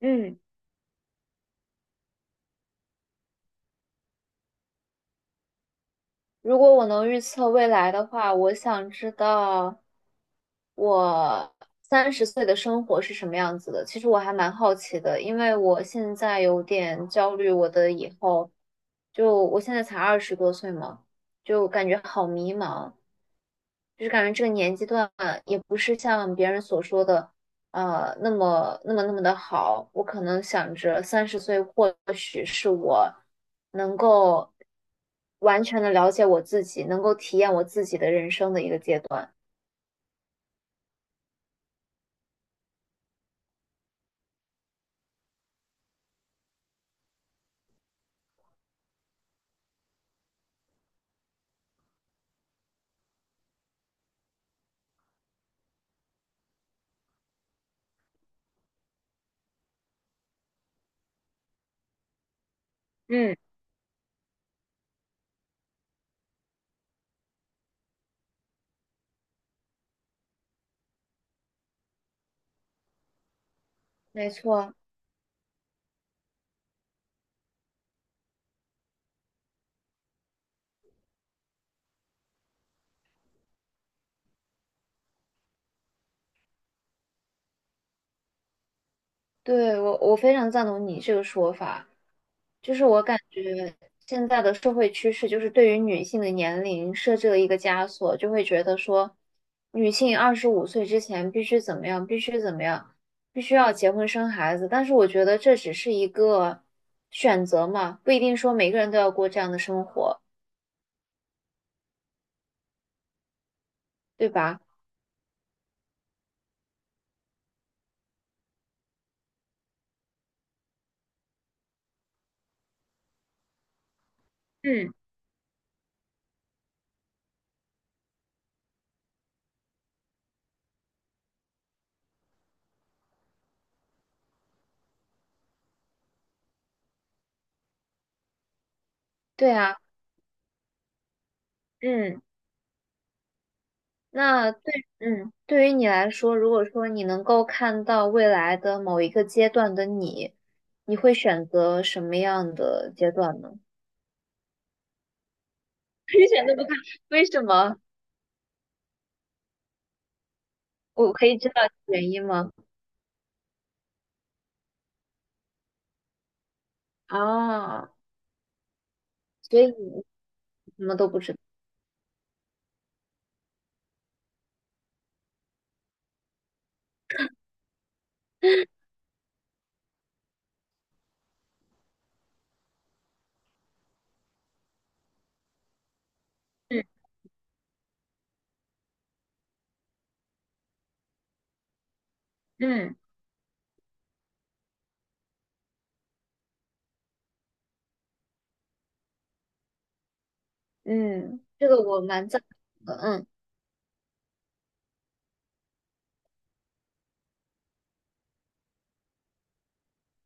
嗯，如果我能预测未来的话，我想知道我三十岁的生活是什么样子的。其实我还蛮好奇的，因为我现在有点焦虑我的以后，就我现在才20多岁嘛，就感觉好迷茫。就是感觉这个年纪段也不是像别人所说的，那么那么那么的好。我可能想着三十岁或许是我能够完全的了解我自己，能够体验我自己的人生的一个阶段。嗯，没错，对，我非常赞同你这个说法。就是我感觉现在的社会趋势，就是对于女性的年龄设置了一个枷锁，就会觉得说，女性25岁之前必须怎么样，必须怎么样，必须要结婚生孩子。但是我觉得这只是一个选择嘛，不一定说每个人都要过这样的生活，对吧？嗯对啊，嗯，那对，嗯，对于你来说，如果说你能够看到未来的某一个阶段的你，你会选择什么样的阶段呢？一点都不看，为什么？我可以知道原因吗？啊，所以你什么都不知道。嗯嗯嗯，这个我蛮赞同的。嗯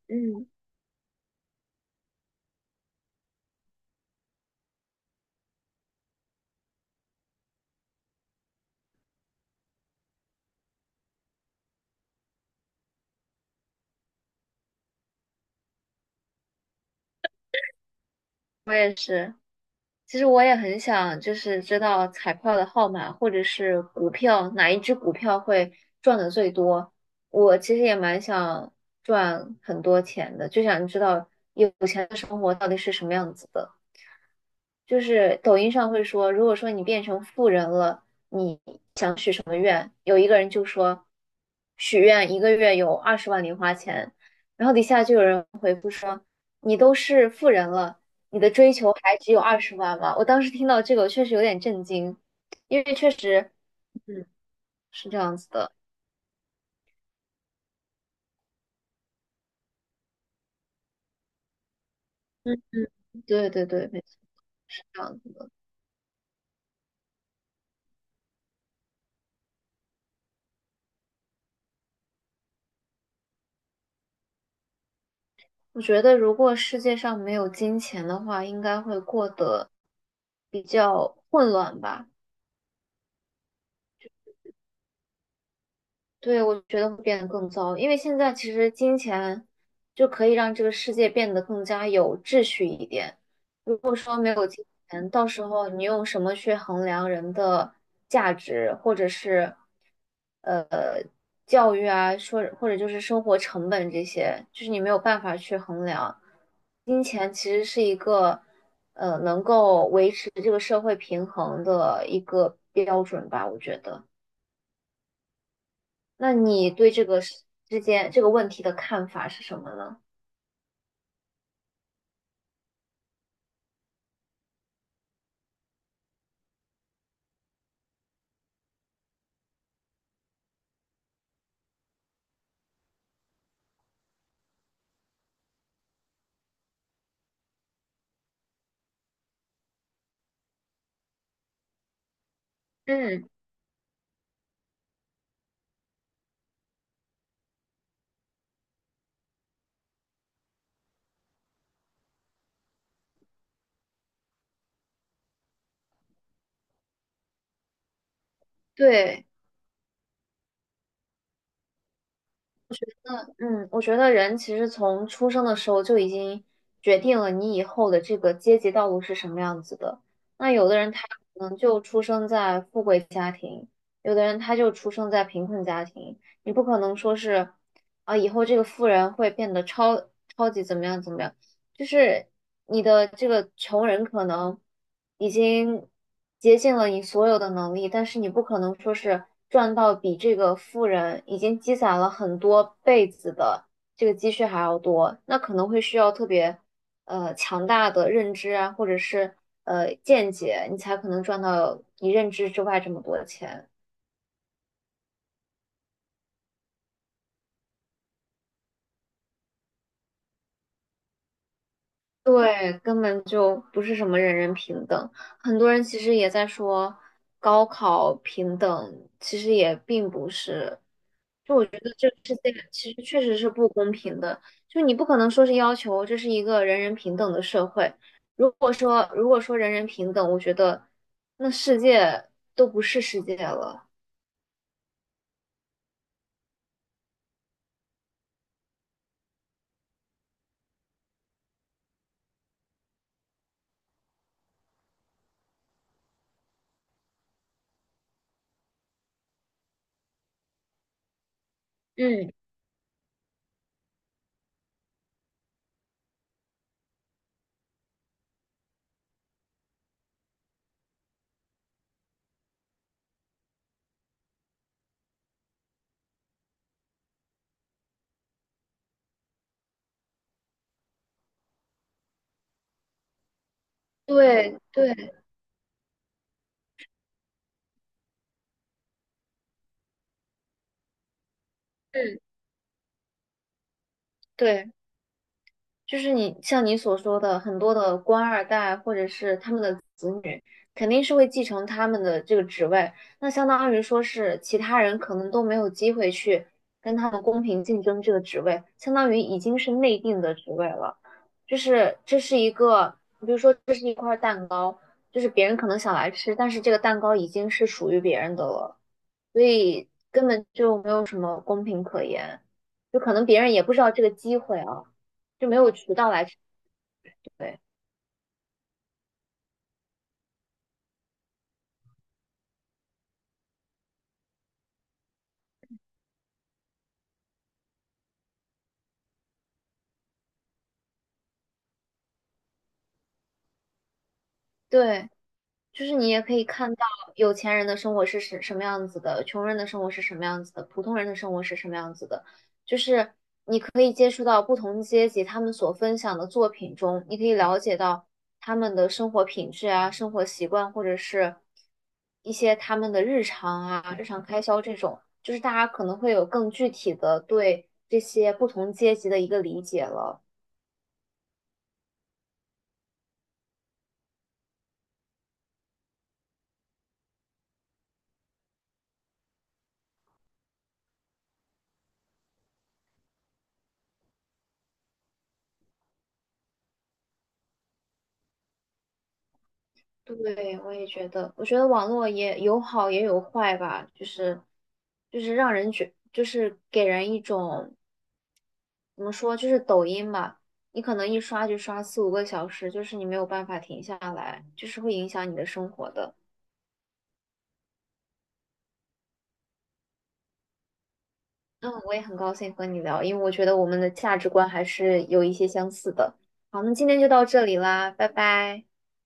嗯，我也是。其实我也很想，就是知道彩票的号码，或者是股票哪一只股票会赚的最多。我其实也蛮想赚很多钱的，就想知道有钱的生活到底是什么样子的。就是抖音上会说，如果说你变成富人了，你想许什么愿？有一个人就说，许愿一个月有二十万零花钱，然后底下就有人，你都是富人了，你的追求还只有二十万吗？我当时听到这个，我确实有点震惊，因为确实，嗯，是这样子的，嗯，对对对，没错，是这样子的。我觉得如果世界上没有金钱的话，应该会过得比较混乱吧。对，我觉得会变得更糟，因为现在其实金钱就可以让这个世界变得更加有秩序一点。如果说没有金钱，到时候你用什么去衡量人的价值，或者是教育啊，说或者就是生活成本这些，就是你没有办法去衡量。金钱其实是一个能够维持这个社会平衡的一个标准吧，我觉得。那你对这个事之间这个问题的看法是什么呢？嗯，对，嗯，我觉得人其实从出生的时候就已经决定了你以后的这个阶级道路是什么样子的。那有的人他可能就出生在富贵家庭，有的人他就出生在贫困家庭。你不可能说是啊，以后这个富人会变得超级怎么样怎么样。就是你的这个穷人可能已经竭尽了你所有的能力，但是你不可能说是赚到比这个富人已经积攒了很多辈子的这个积蓄还要多，那可能会需要特别强大的认知啊，或者是见解，你才可能赚到你认知之外这么多钱。对，根本就不是什么人人平等。很多人其实也在说高考平等，其实也并不是，世界其实确实是不公平的。就你不可能说是要求这是一个人人平等的社会。如果说人人平等，我觉得那世界都不是世界了。嗯，对对，嗯，对。就是你像你所说的，很多的官二代或者是他们的子女，肯定是会继承他们的这个职位，那相当于说是其他人可能都没有机会去跟他们公平竞争这个职位，相当于已经是内定的职位了。就是这是一个，比如说这是一块蛋糕，就是别人可能想来吃，但是这个蛋糕已经是属于别人的了，所以根本就没有什么公平可言，就可能别人也不知道这个机会啊。就没有渠道来吃对对，就是你也可以看到有钱人的生活是什么样子的，穷人的生活是什么样子的，普通人的生活是什么样子的，就是可以接触到不同阶级他们所分享的作品中，你可以了解到他们的生活品质啊、生活习惯，或者是一些他们的日常啊、日常开销这种，就是大家可能会有更具体的对这些不同阶级的一个理解了。对，我也觉得，我觉得网络也有好也有坏吧，就是让人觉，就是给人一种怎么说，就是抖音嘛，你可能一刷就刷四五个小时，就是你没有办法停下来，就是会影响你的生活的。嗯，我也很高兴和你聊，因为我觉得我们的价值观还是有一些相似的。好，那今天就到这里啦，拜拜。